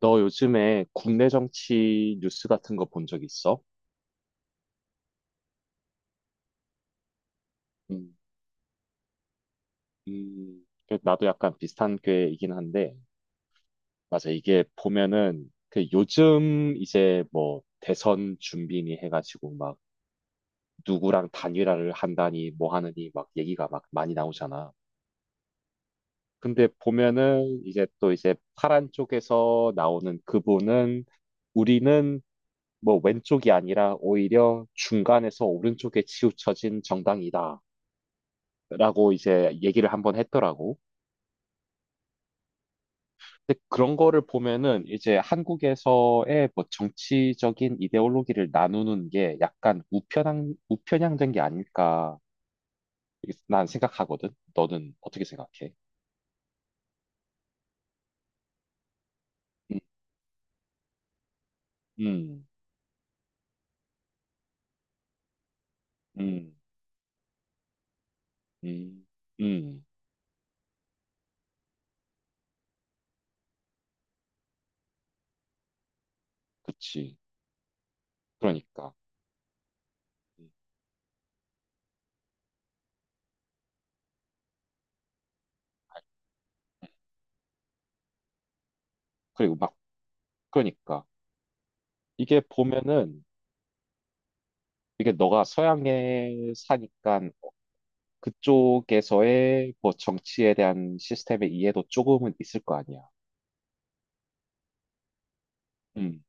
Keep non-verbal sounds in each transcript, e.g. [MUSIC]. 너 요즘에 국내 정치 뉴스 같은 거 본 적 있어? 음, 나도 약간 비슷한 꾀이긴 한데, 맞아. 이게 보면은, 요즘 이제 뭐 대선 준비니 해가지고 막 누구랑 단일화를 한다니 뭐 하느니 막 얘기가 막 많이 나오잖아. 근데 보면은 이제 또 이제 파란 쪽에서 나오는 그분은 우리는 뭐 왼쪽이 아니라 오히려 중간에서 오른쪽에 치우쳐진 정당이다. 라고 이제 얘기를 한번 했더라고. 근데 그런 거를 보면은 이제 한국에서의 뭐 정치적인 이데올로기를 나누는 게 약간 우편향된 게 아닐까 이렇게 난 생각하거든. 너는 어떻게 생각해? 음. 음. 음. 음. 음. 그치. 그러니까. 음. 그리고 막, 그러니까. 이게 보면은 이게 너가 서양에 사니까 그쪽에서의 뭐 정치에 대한 시스템의 이해도 조금은 있을 거 아니야. 음.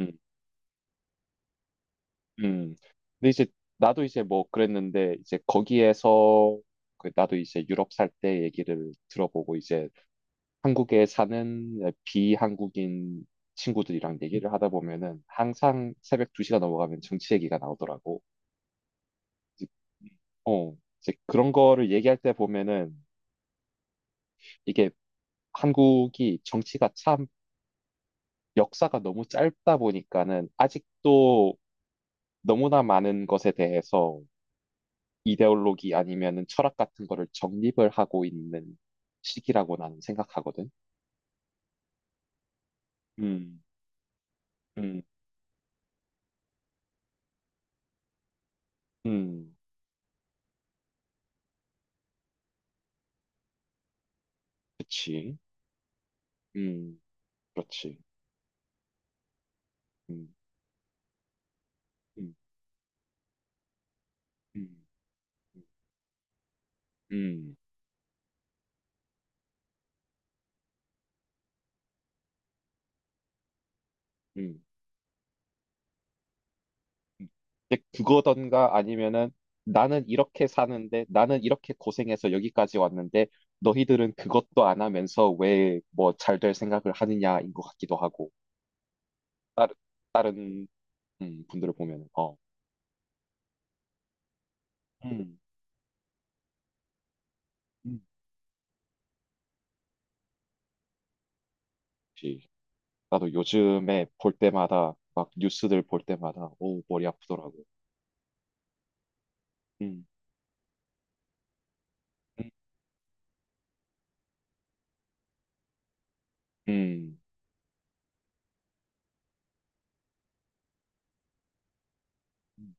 음. 음. 근데 이제 나도 이제 뭐 그랬는데 이제 거기에서 나도 이제 유럽 살 때 얘기를 들어보고 이제 한국에 사는 비한국인 친구들이랑 얘기를 하다 보면은 항상 새벽 2시가 넘어가면 정치 얘기가 나오더라고. 이제 어, 이제 그런 거를 얘기할 때 보면은 이게 한국이 정치가 참 역사가 너무 짧다 보니까는 아직도 너무나 많은 것에 대해서 이데올로기 아니면은 철학 같은 거를 정립을 하고 있는 시기라고 나는 생각하거든. 음. 음. 음. 그치. 음. 그렇지. 음. 음. 음. 음. 음. 음. 근데 그거던가 아니면은 나는 이렇게 사는데 나는 이렇게 고생해서 여기까지 왔는데 너희들은 그것도 안 하면서 왜 뭐 잘 될 생각을 하느냐인 것 같기도 하고. 다른 분들을 보면은 음, 음, 음. 역시 나도 요즘에 볼 때마다 막 뉴스들 볼 때마다 오 머리 아프더라고. 음. 음. 음. 음.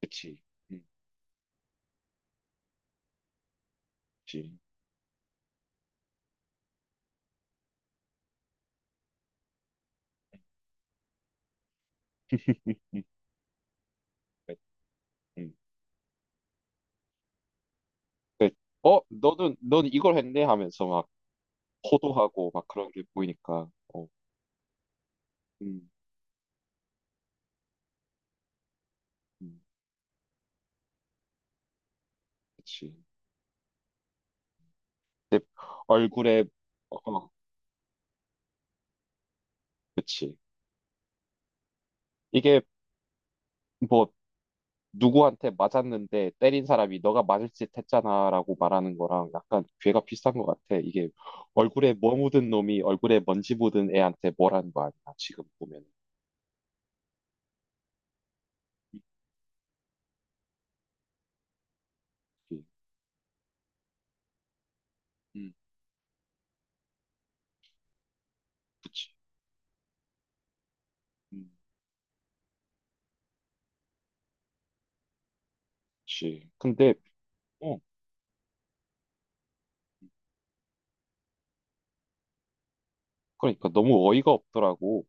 그치. 음. 그치. [LAUGHS] 음. 그, 음. 그- 넌 이걸 했네 하면서 막 호도하고 막 그런 게 보이니까, 음. 음. 그치. 내 얼굴에, 어, 그치. 이게 뭐 누구한테 맞았는데 때린 사람이 너가 맞을 짓 했잖아라고 말하는 거랑 약간 괴가 비슷한 것 같아. 이게 얼굴에 뭐 묻은 놈이 얼굴에 먼지 묻은 애한테 뭐라는 거 아니야, 지금 보면. 음. 음. 그치. 음. 그치. 근데, 어, 그러니까 너무 어이가 없더라고.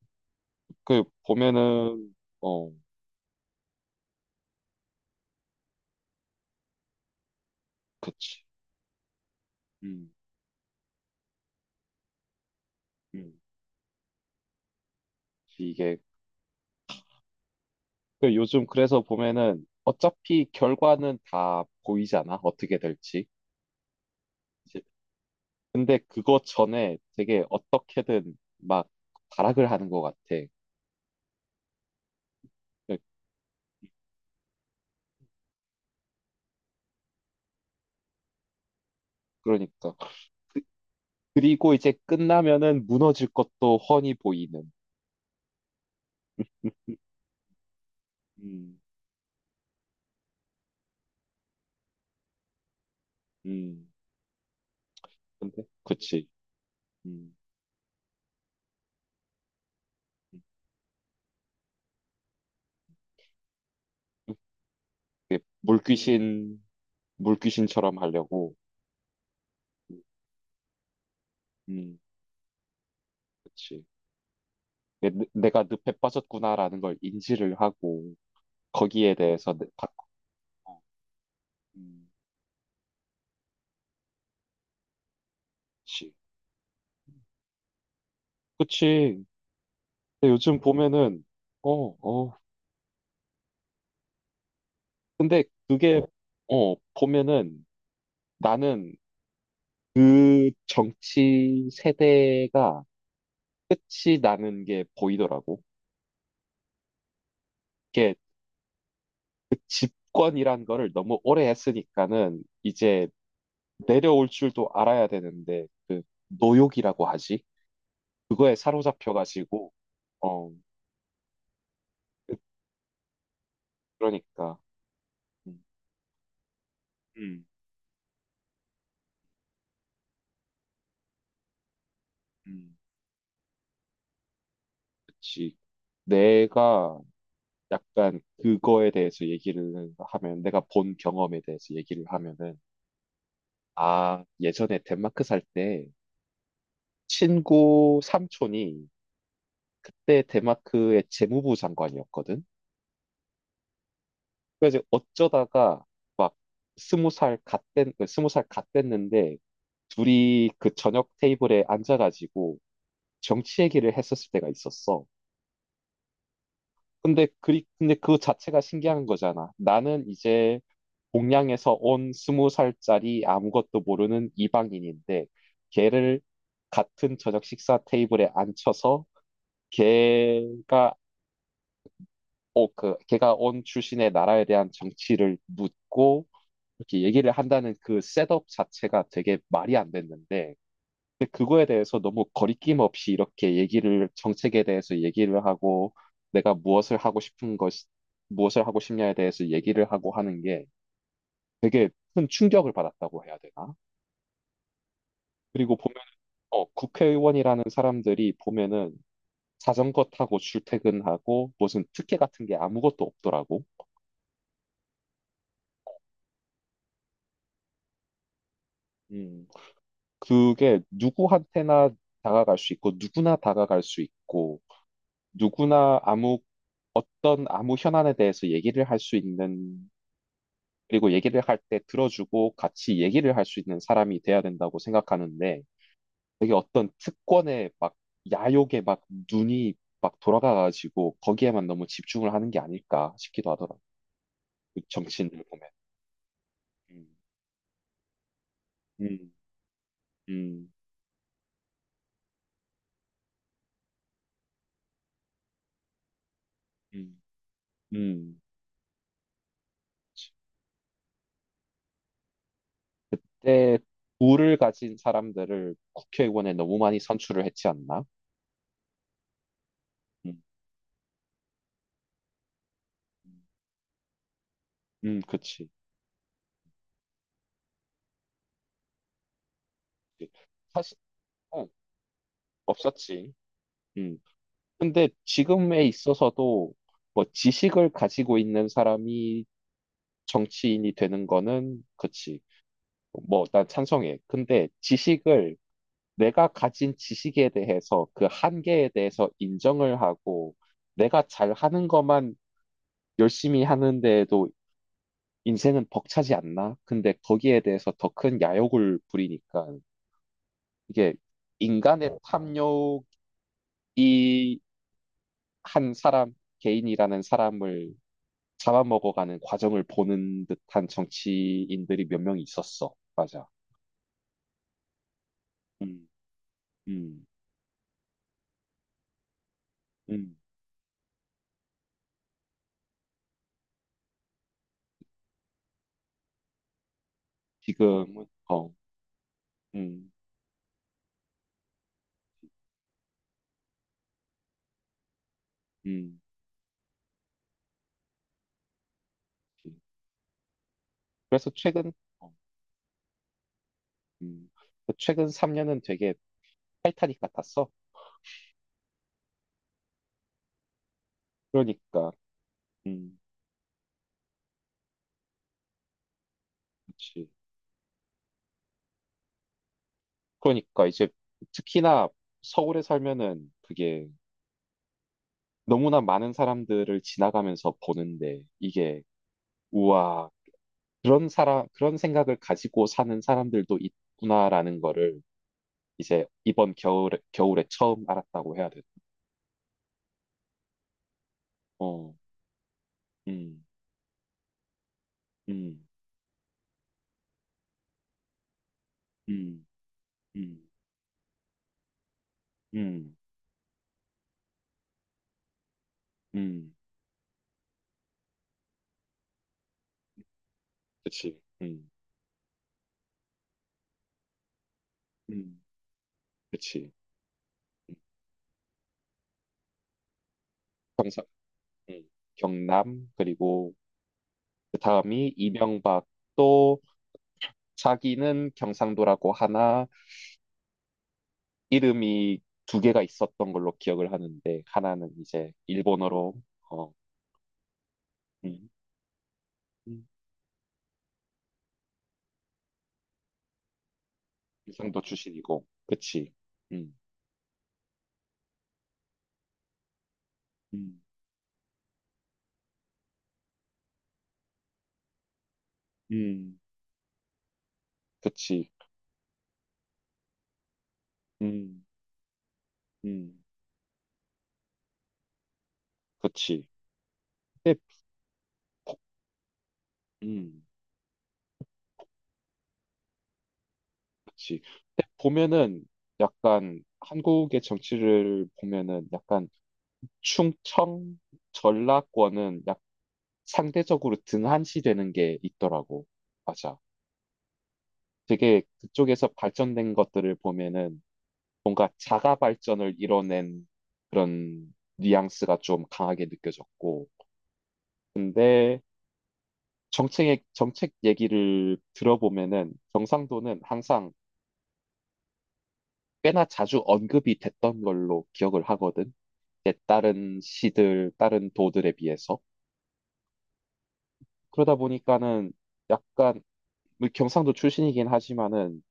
보면은, 어, 그치. 음. 음. 이게. 요즘 그래서 보면은 어차피 결과는 다 보이잖아, 어떻게 될지. 근데 그거 전에 되게 어떻게든 막 발악을 하는 것 같아. 그- 그러니까. 그- 그리고 이제 끝나면은 무너질 것도 훤히 보이는. 음. 음. 음. 근데, 그치. 음. 음. 물귀신, 물귀신처럼 하려고. 음. 그치. 내가 늪에 빠졌구나라는 걸 인지를 하고, 거기에 대해서 받고. 음. 그치. 그치. 근데 요즘 보면은, 어, 어, 근데 그게 보면은 나는 그 정치 세대가 끝이 나는 게 보이더라고. 이게 그 집권이란 거를 너무 오래 했으니까는 이제 내려올 줄도 알아야 되는데 그 노욕이라고 하지? 그거에 사로잡혀가지고 어 그- 그러니까. 음. 음. 음. 그치. 내가 약간 그거에 대해서 얘기를 하면 내가 본 경험에 대해서 얘기를 하면은 아, 예전에 덴마크 살 때 친구 삼촌이 그때 덴마크의 재무부 장관이었거든. 그래서 어쩌다가 20살 갓됐는데 둘이 그 저녁 테이블에 앉아가지고 정치 얘기를 했었을 때가 있었어. 근데 그 자체가 신기한 거잖아. 나는 이제 동양에서 온 20살짜리 아무것도 모르는 이방인인데 걔를 같은 저녁 식사 테이블에 앉혀서 걔가 어, 그 걔가 온 출신의 나라에 대한 정치를 묻고 이렇게 얘기를 한다는 그 셋업 자체가 되게 말이 안 됐는데 근데 그거에 대해서 너무 거리낌 없이 이렇게 얘기를 정책에 대해서 얘기를 하고 내가 무엇을 하고 싶냐에 대해서 얘기를 하고 하는 게 되게 큰 충격을 받았다고 해야 되나? 그리고 보면 국회의원이라는 사람들이 보면은 자전거 타고 출퇴근하고 무슨 특혜 같은 게 아무것도 없더라고. 음. 그게 누구한테나 다가갈 수 있고 누구나 다가갈 수 있고 누구나 아무 어떤 아무 현안에 대해서 얘기를 할 수 있는 그리고 얘기를 할 때 들어주고 같이 얘기를 할 수 있는 사람이 돼야 된다고 생각하는데 되게 어떤 특권에 막 야욕에 막 눈이 막 돌아가가지고 거기에만 너무 집중을 하는 게 아닐까 싶기도 하더라. 그 정치인들 보면. 음. 음. 음. 음. 음. 그때 부를 가진 사람들을 국회의원에 너무 많이 선출을 했지 않나? 음. 음. 음. 그치. 사실 어, 없었지. 음. 근데 지금에 있어서도 뭐 지식을 가지고 있는 사람이 정치인이 되는 거는 그치. 뭐 난 찬성해. 근데 지식을 내가 가진 지식에 대해서 그 한계에 대해서 인정을 하고 내가 잘하는 것만 열심히 하는데에도 인생은 벅차지 않나? 근데 거기에 대해서 더 큰 야욕을 부리니까 이게 인간의 탐욕이 한 사람, 개인이라는 사람을 잡아먹어가는 과정을 보는 듯한 정치인들이 몇 명 있었어. 맞아. 음. 음. 음. 지금은, 음. 음. 그래서 어, 음. 최근 3년은 되게, 그러니까, 음, 그렇 그러니까 이제 특히나 서울에 살면은 그게 너무나 많은 사람들을 지나가면서 보는데 이게 우와 그런 생각을 가지고 사는 사람들도 있구나라는 거를 이제 이번 겨울에 처음 알았다고 해야 돼. 어. 음. 음. 음. 음. 음. 음. 그치. 음. 음. 그치. 경상, 음, 경남 그리고 그 다음이 이명박 또 자기는 경상도라고 하나 이름이 두 개가 있었던 걸로 기억을 하는데 하나는 이제 일본어로 어 음, 음, 경상도 출신이고 그치. 음. 음. 음. 그치. 음. 음. 그치. 근데. 음. 그치. 근데 보면은 약간 한국의 정치를 보면은 약간 충청 전라권은 약 상대적으로 등한시되는 게 있더라고. 맞아. 되게 그쪽에서 발전된 것들을 보면은 뭔가 자가 발전을 이뤄낸 그런 뉘앙스가 좀 강하게 느껴졌고, 근데 정책 얘기를 들어보면은 경상도는 항상 꽤나 자주 언급이 됐던 걸로 기억을 하거든. 이제 다른 도들에 비해서. 그러다 보니까는 약간 뭐 경상도 출신이긴 하지만은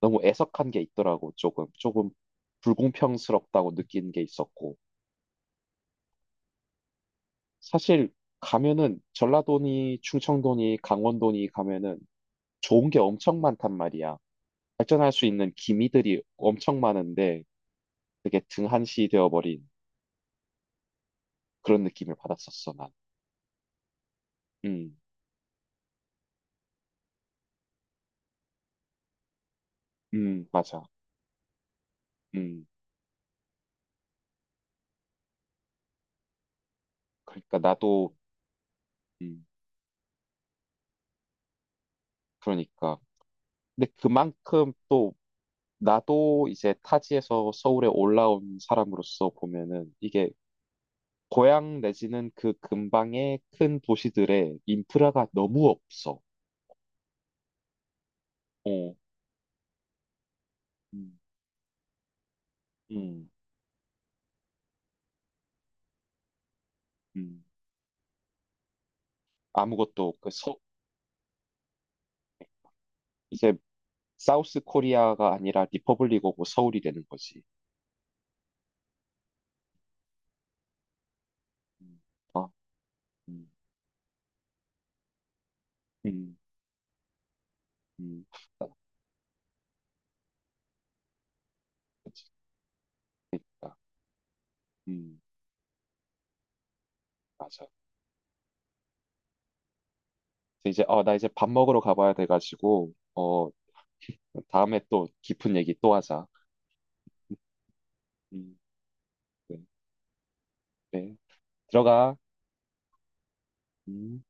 너무 애석한 게 있더라고. 조금 불공평스럽다고 느낀 게 있었고. 사실 가면은 전라도니 충청도니 강원도니 가면은 좋은 게 엄청 많단 말이야. 발전할 수 있는 기미들이 엄청 많은데 되게 등한시 되어버린 그런 느낌을 받았었어, 난. 음. 음. 맞아. 음. 그러니까 나도, 음, 그러니까. 근데 그만큼 또 나도 이제 타지에서 서울에 올라온 사람으로서 보면은 이게 고향 내지는 그 근방의 큰 도시들의 인프라가 너무 없어. 어. 음. 음. 음. 아무것도 그 서, 이제 사우스 코리아가 아니라 리퍼블릭 오브 서울이 되는 거지. 음. 아. 음. 음. 음. 아, 그치. 그러니까, 음, 맞아. 그래서 이제 나 이제 밥 먹으러 가봐야 돼가지고 다음에 또 깊은 얘기 또 하자. 음. 네. 네. 들어가. 음.